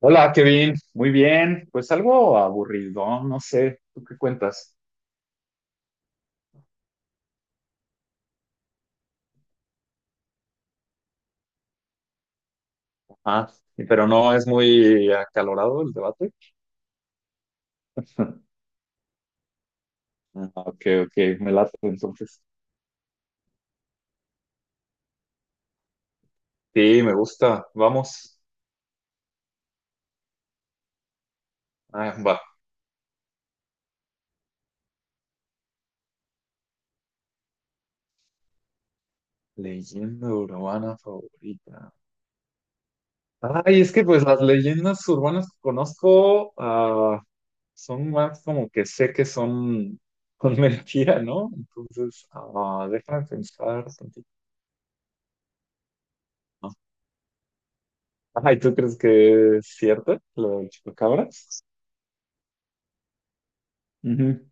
Hola, Kevin. Muy bien. Pues algo aburrido, no sé. ¿Tú qué cuentas? Ah, pero no es muy acalorado el debate. Ah, ok, ok. Me late entonces. Sí, me gusta. Vamos. Ah, va. Leyenda urbana favorita. Ay, es que pues las leyendas urbanas que conozco son más como que sé que son, son mentira, ¿no? Entonces, déjame pensar tantito. Ajá, ¿y tú crees que es cierto lo de chupacabras? Ujú.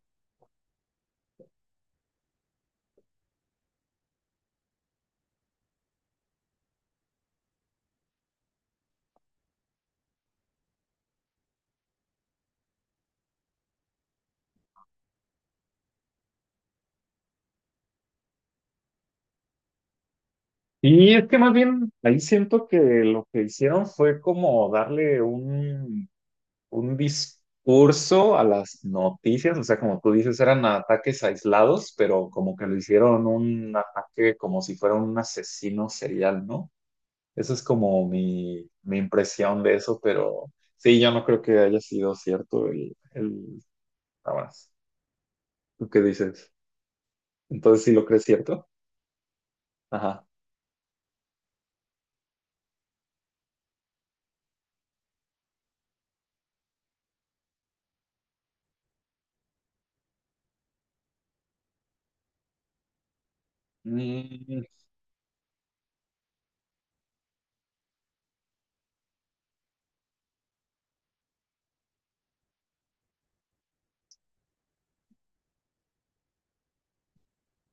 Y es que más bien ahí siento que lo que hicieron fue como darle un, discurso a las noticias, o sea, como tú dices, eran ataques aislados, pero como que lo hicieron un ataque como si fuera un asesino serial, ¿no? Esa es como mi impresión de eso, pero sí, yo no creo que haya sido cierto el, nada más. ¿Tú qué dices? Entonces, ¿sí lo crees cierto? Ajá. Mm,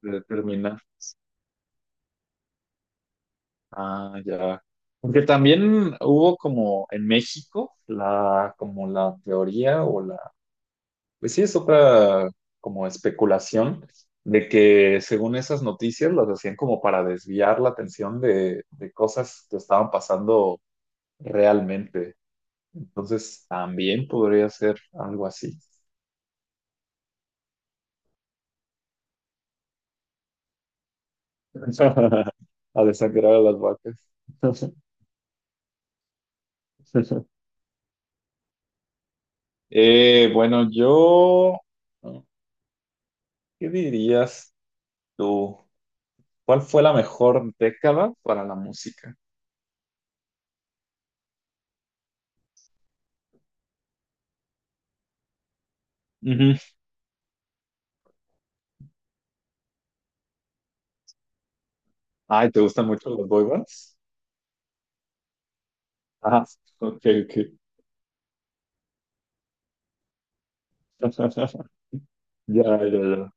Termina. Ah, ya. Porque también hubo como en México la, como la teoría o pues sí, es otra como especulación de que según esas noticias las hacían como para desviar la atención de cosas que estaban pasando realmente. Entonces también podría ser algo así. A desangrar a las vacas. Bueno, yo, ¿qué dirías tú? ¿Cuál fue la mejor década para la música? Ujú. Ay, ¿te gustan mucho los boy bands? Ajá, ok, ok. Ya, ya, ya.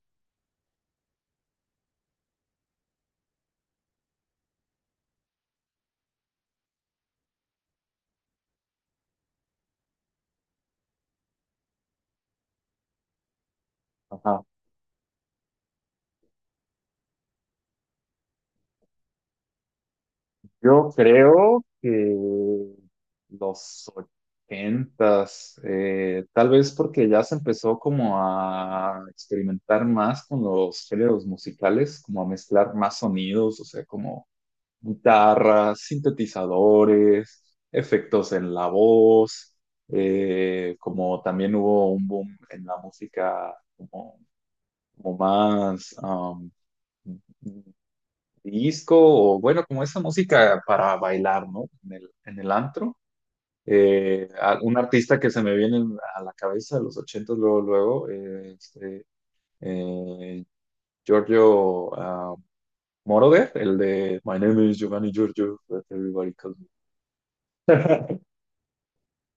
Ajá. Yo creo que los 80s, tal vez porque ya se empezó como a experimentar más con los géneros musicales, como a mezclar más sonidos, o sea, como guitarras, sintetizadores, efectos en la voz, como también hubo un boom en la música como, más disco o bueno, como esa música para bailar, ¿no? En el, antro. Un artista que se me viene a la cabeza de los 80s luego, luego, eh, Giorgio Moroder, el de My name is Giovanni Giorgio, but everybody calls.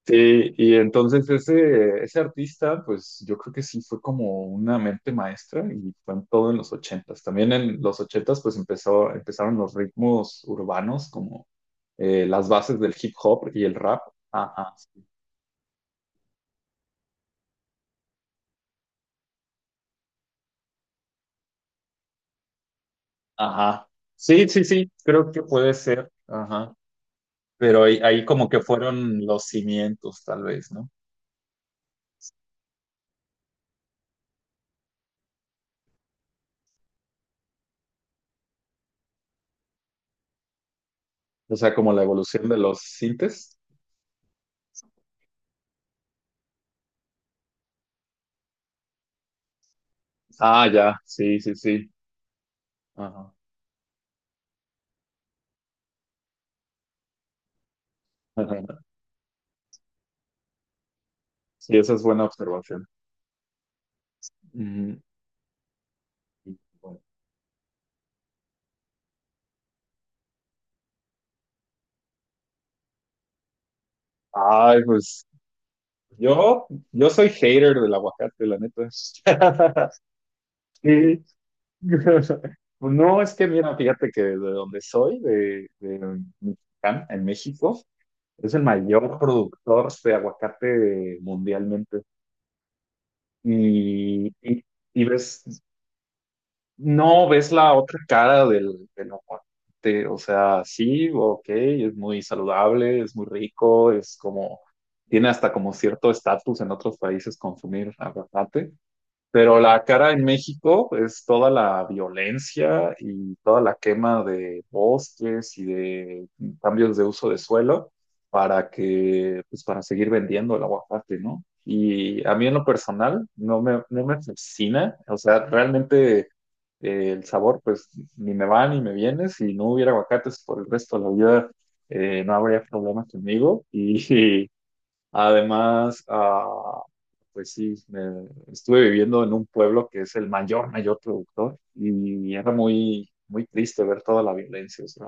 Sí, y entonces ese artista, pues yo creo que sí fue como una mente maestra y fue en todo en los 80s. También en los 80s pues empezó, empezaron los ritmos urbanos como las bases del hip hop y el rap. Ajá, ajá. Sí, sí, sí, creo que puede ser. Ajá. Pero ahí como que fueron los cimientos tal vez, ¿no? O sea, como la evolución de los sintes. Ah, ya, sí, sí, sí. Ajá. Sí, esa es buena observación. Ujú. Y bueno, ay, pues yo soy hater del aguacate, la neta. Sí. No, es que mira, fíjate que de donde soy, de Michoacán, en México, es el mayor productor de aguacate mundialmente. Y, y, y ves, no ves la otra cara del, aguacate. O sea, sí, ok, es muy saludable, es muy rico, es como, tiene hasta como cierto estatus en otros países consumir aguacate, pero la cara en México es toda la violencia y toda la quema de bosques y de cambios de uso de suelo para que, pues para seguir vendiendo el aguacate, ¿no? Y a mí en lo personal no me fascina, o sea, realmente el sabor pues ni me va ni me viene, si no hubiera aguacates por el resto de la vida no habría problema conmigo y Además, pues sí, estuve viviendo en un pueblo que es el mayor, mayor productor y era muy, muy triste ver toda la violencia. O sea,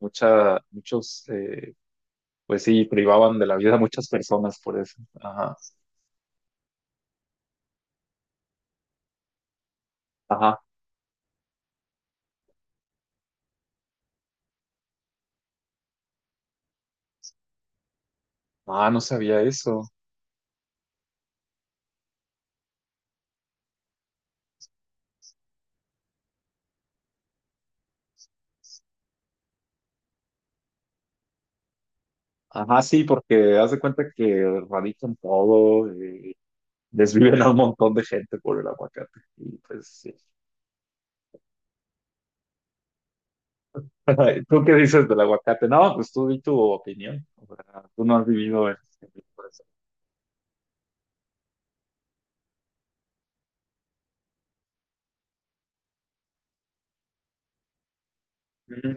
mucha, muchos, pues sí, privaban de la vida a muchas personas por eso. Ajá, ajá. Ah, no sabía eso. Ajá, sí, porque haz de cuenta que radican todo, desviven a un montón de gente por el aguacate. Y pues sí, ¿Tú qué dices del aguacate? No, pues tú di tu opinión. O sea, tú no has vivido en por eso. Ujú.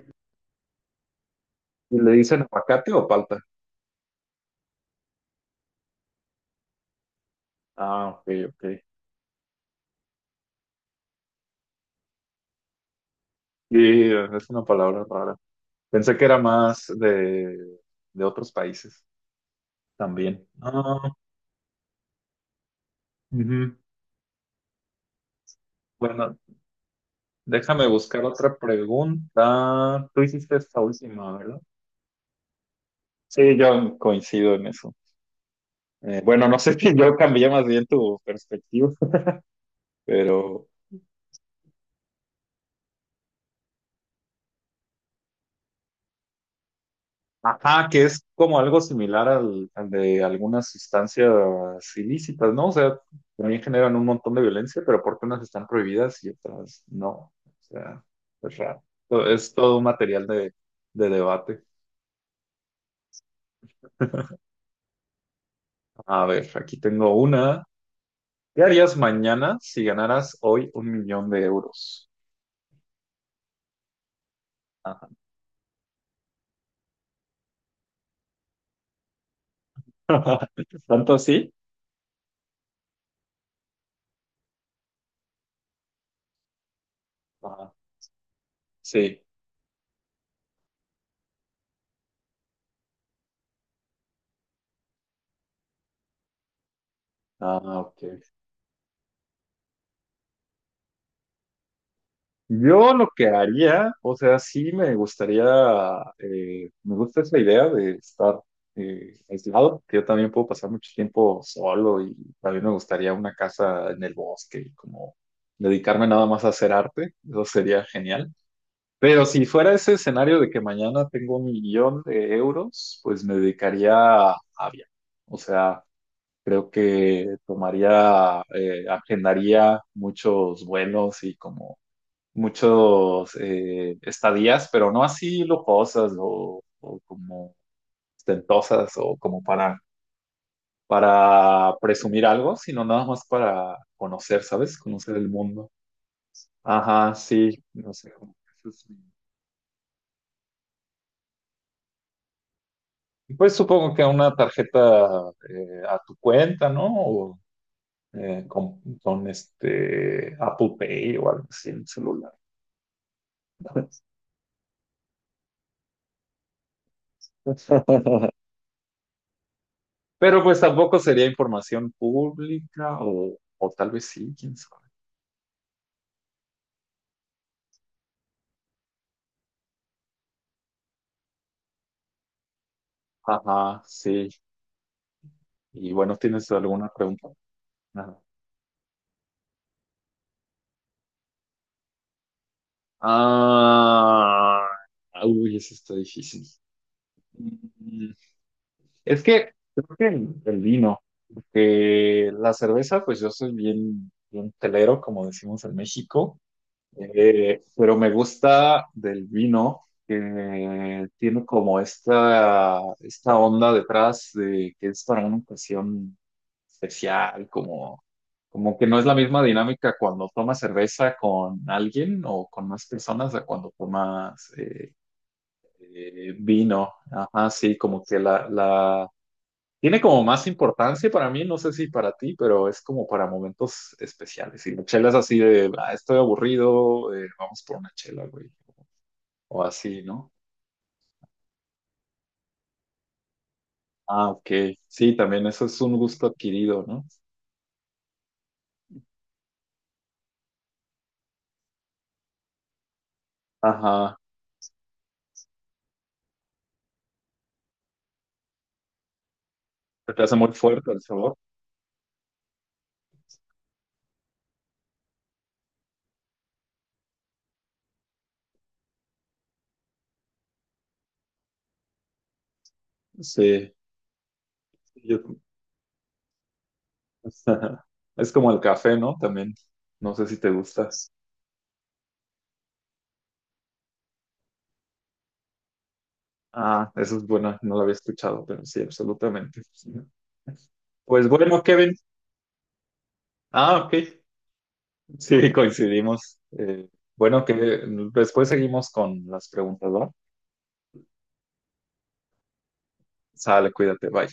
¿Y le dicen aguacate o palta? Ah, ok, ok. Sí, es una palabra rara. Pensé que era más de otros países también. Ah, ujú. Bueno, déjame buscar otra pregunta. Tú hiciste esta última, ¿verdad? Sí, yo coincido en eso. Bueno, no sé si yo cambié más bien tu perspectiva, pero... Ajá, que es como algo similar al, de algunas sustancias ilícitas, ¿no? O sea, también generan un montón de violencia, pero porque unas están prohibidas y otras no. O sea, es raro. Es todo un material de debate. A ver, aquí tengo una. ¿Qué harías mañana si ganaras hoy un millón de euros? Ajá. ¿Tanto así? Ajá. Sí. Ah, ok. Yo lo que haría, o sea, sí me gustaría, me gusta esa idea de estar aislado, que yo también puedo pasar mucho tiempo solo y también me gustaría una casa en el bosque y como dedicarme nada más a hacer arte, eso sería genial. Pero si fuera ese escenario de que mañana tengo un millón de euros, pues me dedicaría a viajar. O sea, creo que tomaría, agendaría muchos vuelos y como muchos estadías, pero no así lujosas o como ostentosas o para presumir algo, sino nada más para conocer, ¿sabes? Conocer el mundo. Ajá, sí, no sé. Como que eso Y pues supongo que una tarjeta a tu cuenta, ¿no? O con este Apple Pay o algo así en el celular. Pero pues tampoco sería información pública o tal vez sí, quién sabe. Ajá, sí. Y bueno, ¿tienes alguna pregunta? Nada. Ah, uy, eso está difícil. Mm. Es que creo que el, vino, porque la cerveza, pues yo soy bien, bien telero, como decimos en México. Pero me gusta del vino que tiene como esta onda detrás de que es para una ocasión especial, como, que no es la misma dinámica cuando tomas cerveza con alguien o con más personas a cuando tomas vino. Ajá, sí, como que la, tiene como más importancia para mí, no sé si para ti, pero es como para momentos especiales. Y la chela es así de, estoy aburrido, vamos por una chela, güey. O así, ¿no? Ah, ok. Sí, también eso es un gusto adquirido, ¿no? Ajá. Se te hace muy fuerte el sabor. Sí. Yo- Es como el café, ¿no? También. No sé si te gustas. Ah, eso es bueno, no lo había escuchado, pero sí, absolutamente. Pues bueno, Kevin. Ah, ok. Sí, coincidimos. Bueno, que después seguimos con las preguntas, ¿va? Sale, cuídate, bye.